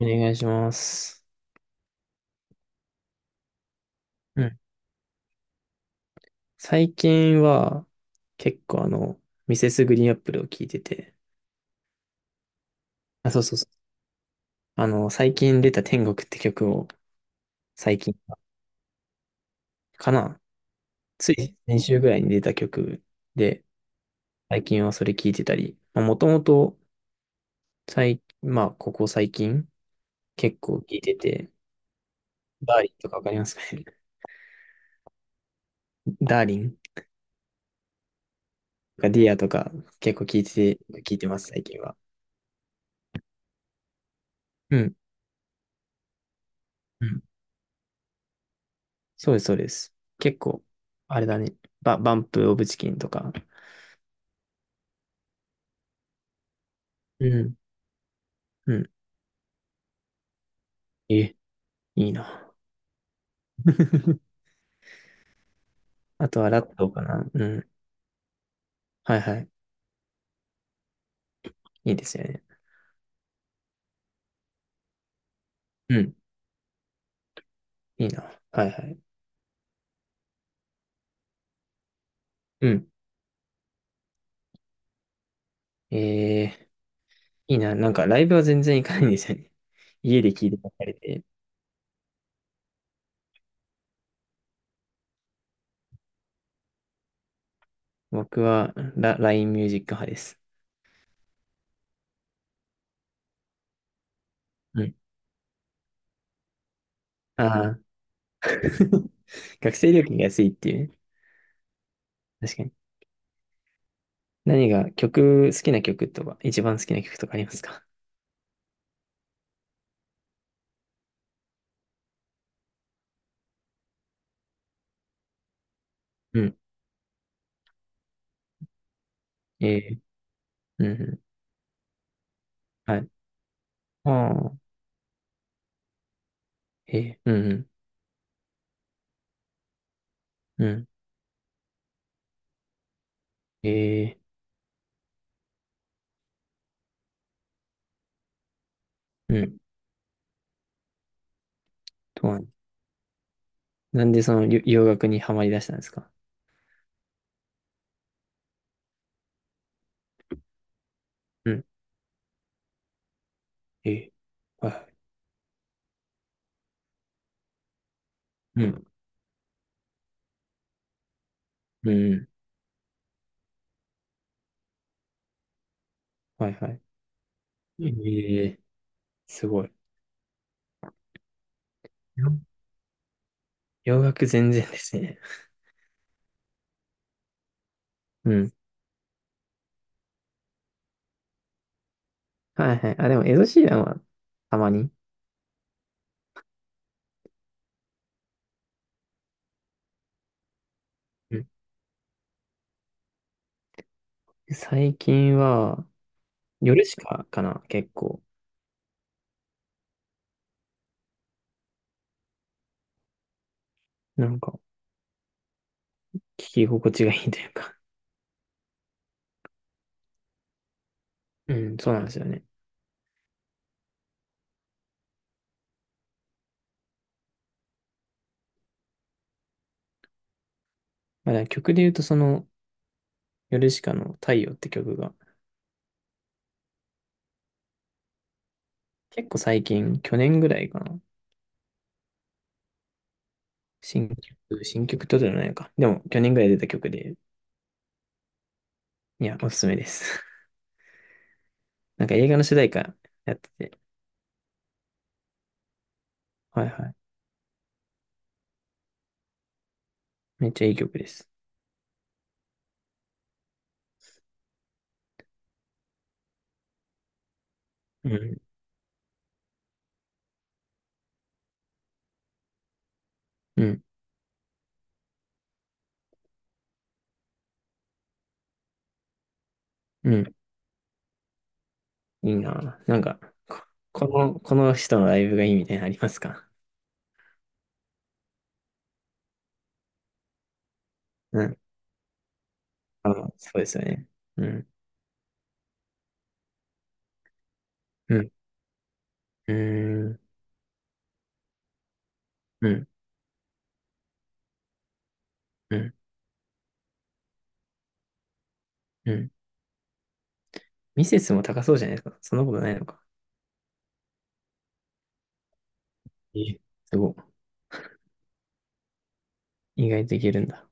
お願いします。うん。最近は、結構ミセスグリーンアップルを聴いてて、あ、そうそうそう。最近出た天国って曲を、最近かな。つい先週ぐらいに出た曲で、最近はそれ聴いてたり、まあ、もともと、まあ、ここ最近、結構聴いてて、ダーリンとかわかりますかね？ ダーリンとかディアとか、結構聴いてて、聴いてます、最近は。うん。うん、そうです、そうです。結構、あれだね。バンプ・オブ・チキンとか。うん。うん。え、いいな。あとはラットかな。うん。はいはい。いいですよね。うん。いいな。はいはい。うん。えー、いいな。なんかライブは全然行かないんですよね。家で聴いてばっかりで。僕はLINE ミュージック派です。うん。ああ。学生料金が安いっていうね。確かに。何が曲、好きな曲とか、一番好きな曲とかありますか？うん。えー、うんうん。はい。ああ、へえ、うん、うん、うん、へえ、うん、とは、なんでそのりょ洋楽にはまり出したんですか？うん、へえ、はいはい、うん、うん、うん、はいはい。ええ、すごい。よ洋楽全然ですね。うん。はいはい。あ、でも、エド・シーランはたまに。うん。最近は、夜しかかな、結構。なんか、聞き心地がいいというか。うん、そうなんですよね。まあ、だから曲で言うと、ヨルシカの太陽って曲が、結構最近、去年ぐらいかな。新曲、新曲ってことじゃないのか。でも、去年ぐらい出た曲で、いや、おすすめです。なんか映画の主題歌やってて、はいはい。めっちゃいい曲です。うん、うん、うん。いいな。なんか、こ、この人のライブがいいみたいなのありますか？うん。あ、そうですよね。うん、うん、うーん、うん、うん、うん。ミセスも高そうじゃないですか。そんなことないのか。え、すごい。意外といけるんだ。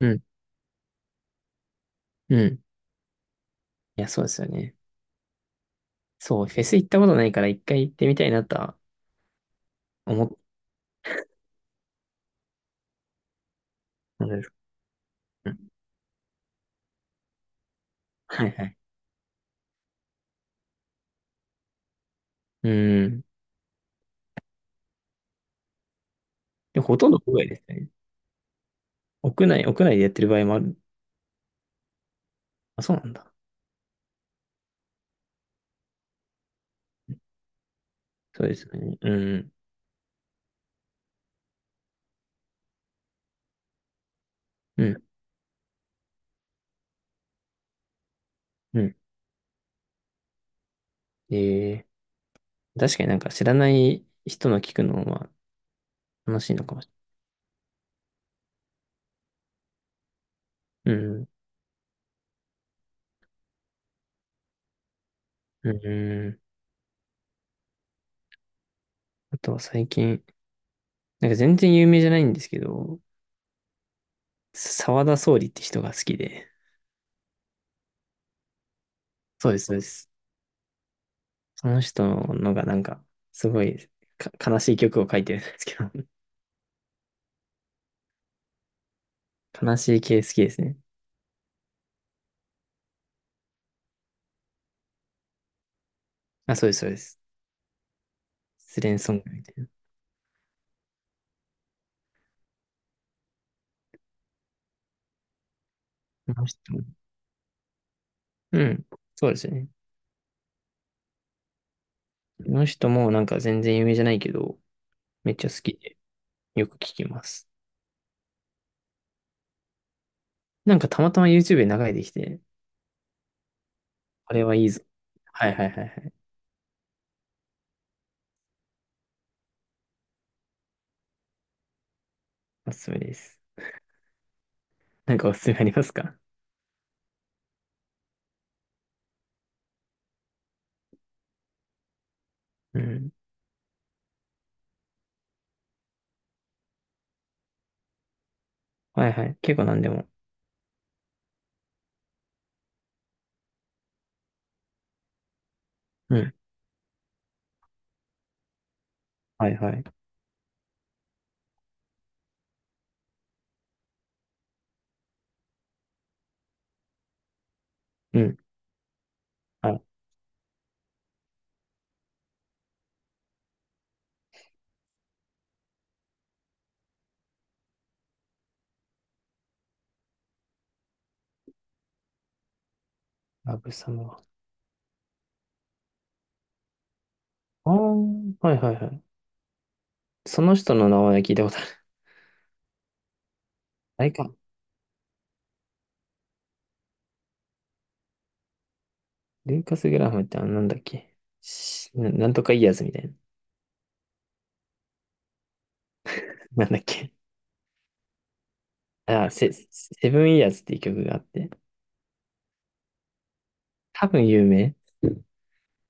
うん、うん。いや、そうですよね。そう、フェス行ったことないから一回行ってみたいなとは思ったんです。うん。はいはい。うん。でもほとんど屋外ですね。屋内でやってる場合もある。あ、そうなんだ。そうですね。うん。うん。うん。え確かになんか知らない人の聞くのは楽しいのかもしれない。うん。うん。あとは最近、なんか全然有名じゃないんですけど、沢田総理って人が好きで。そうです、そうです。その人のがなんか、すごいか悲しい曲を書いてるんですけど。悲しい系好きですね。あ、そうです、そうです。失恋ソングみたいな。この人も。うん。そうですよね。この人もなんか全然有名じゃないけど、めっちゃ好きで、よく聞きます。なんかたまたま YouTube で流れてきて、あれはいいぞ。はいはいはいはい。おすすめです。なんかおすすめありますか？うん。はいはい。結構何でも。うん。はいはい。うん。はい。ラブサムは。ああ、はいはいはい。その人の名前は聞いたことある。あれか。ルーカス・グラハムってなんだっけ。なんとかイヤーズみたいな。なんだっけ。あ、セブンイヤーズっていう曲があって、多分有名。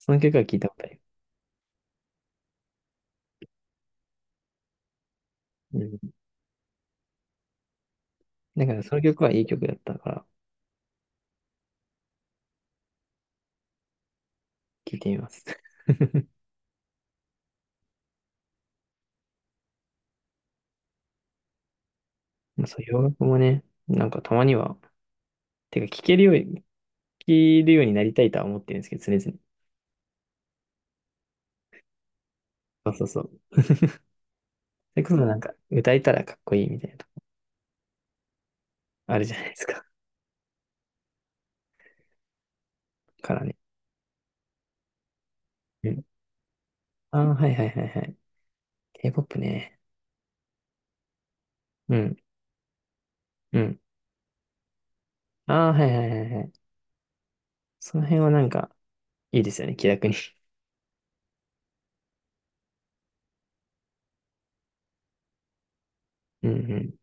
その曲は聞いたことある。うん。だからその曲はいい曲だったから、聞いてみます。まあそう、洋楽もね、なんかたまには、てか聞けるようになりたいとは思ってるんですけど、常々。そうそうそう。それこそなんか、歌えたらかっこいいみたいな、あるじゃないですか。からね。うん。ああ、はいはいはいはい。K-POP ね。うん、うん。ああ、はいはいはいはい。その辺はなんか、いいですよね、気楽に。うんうん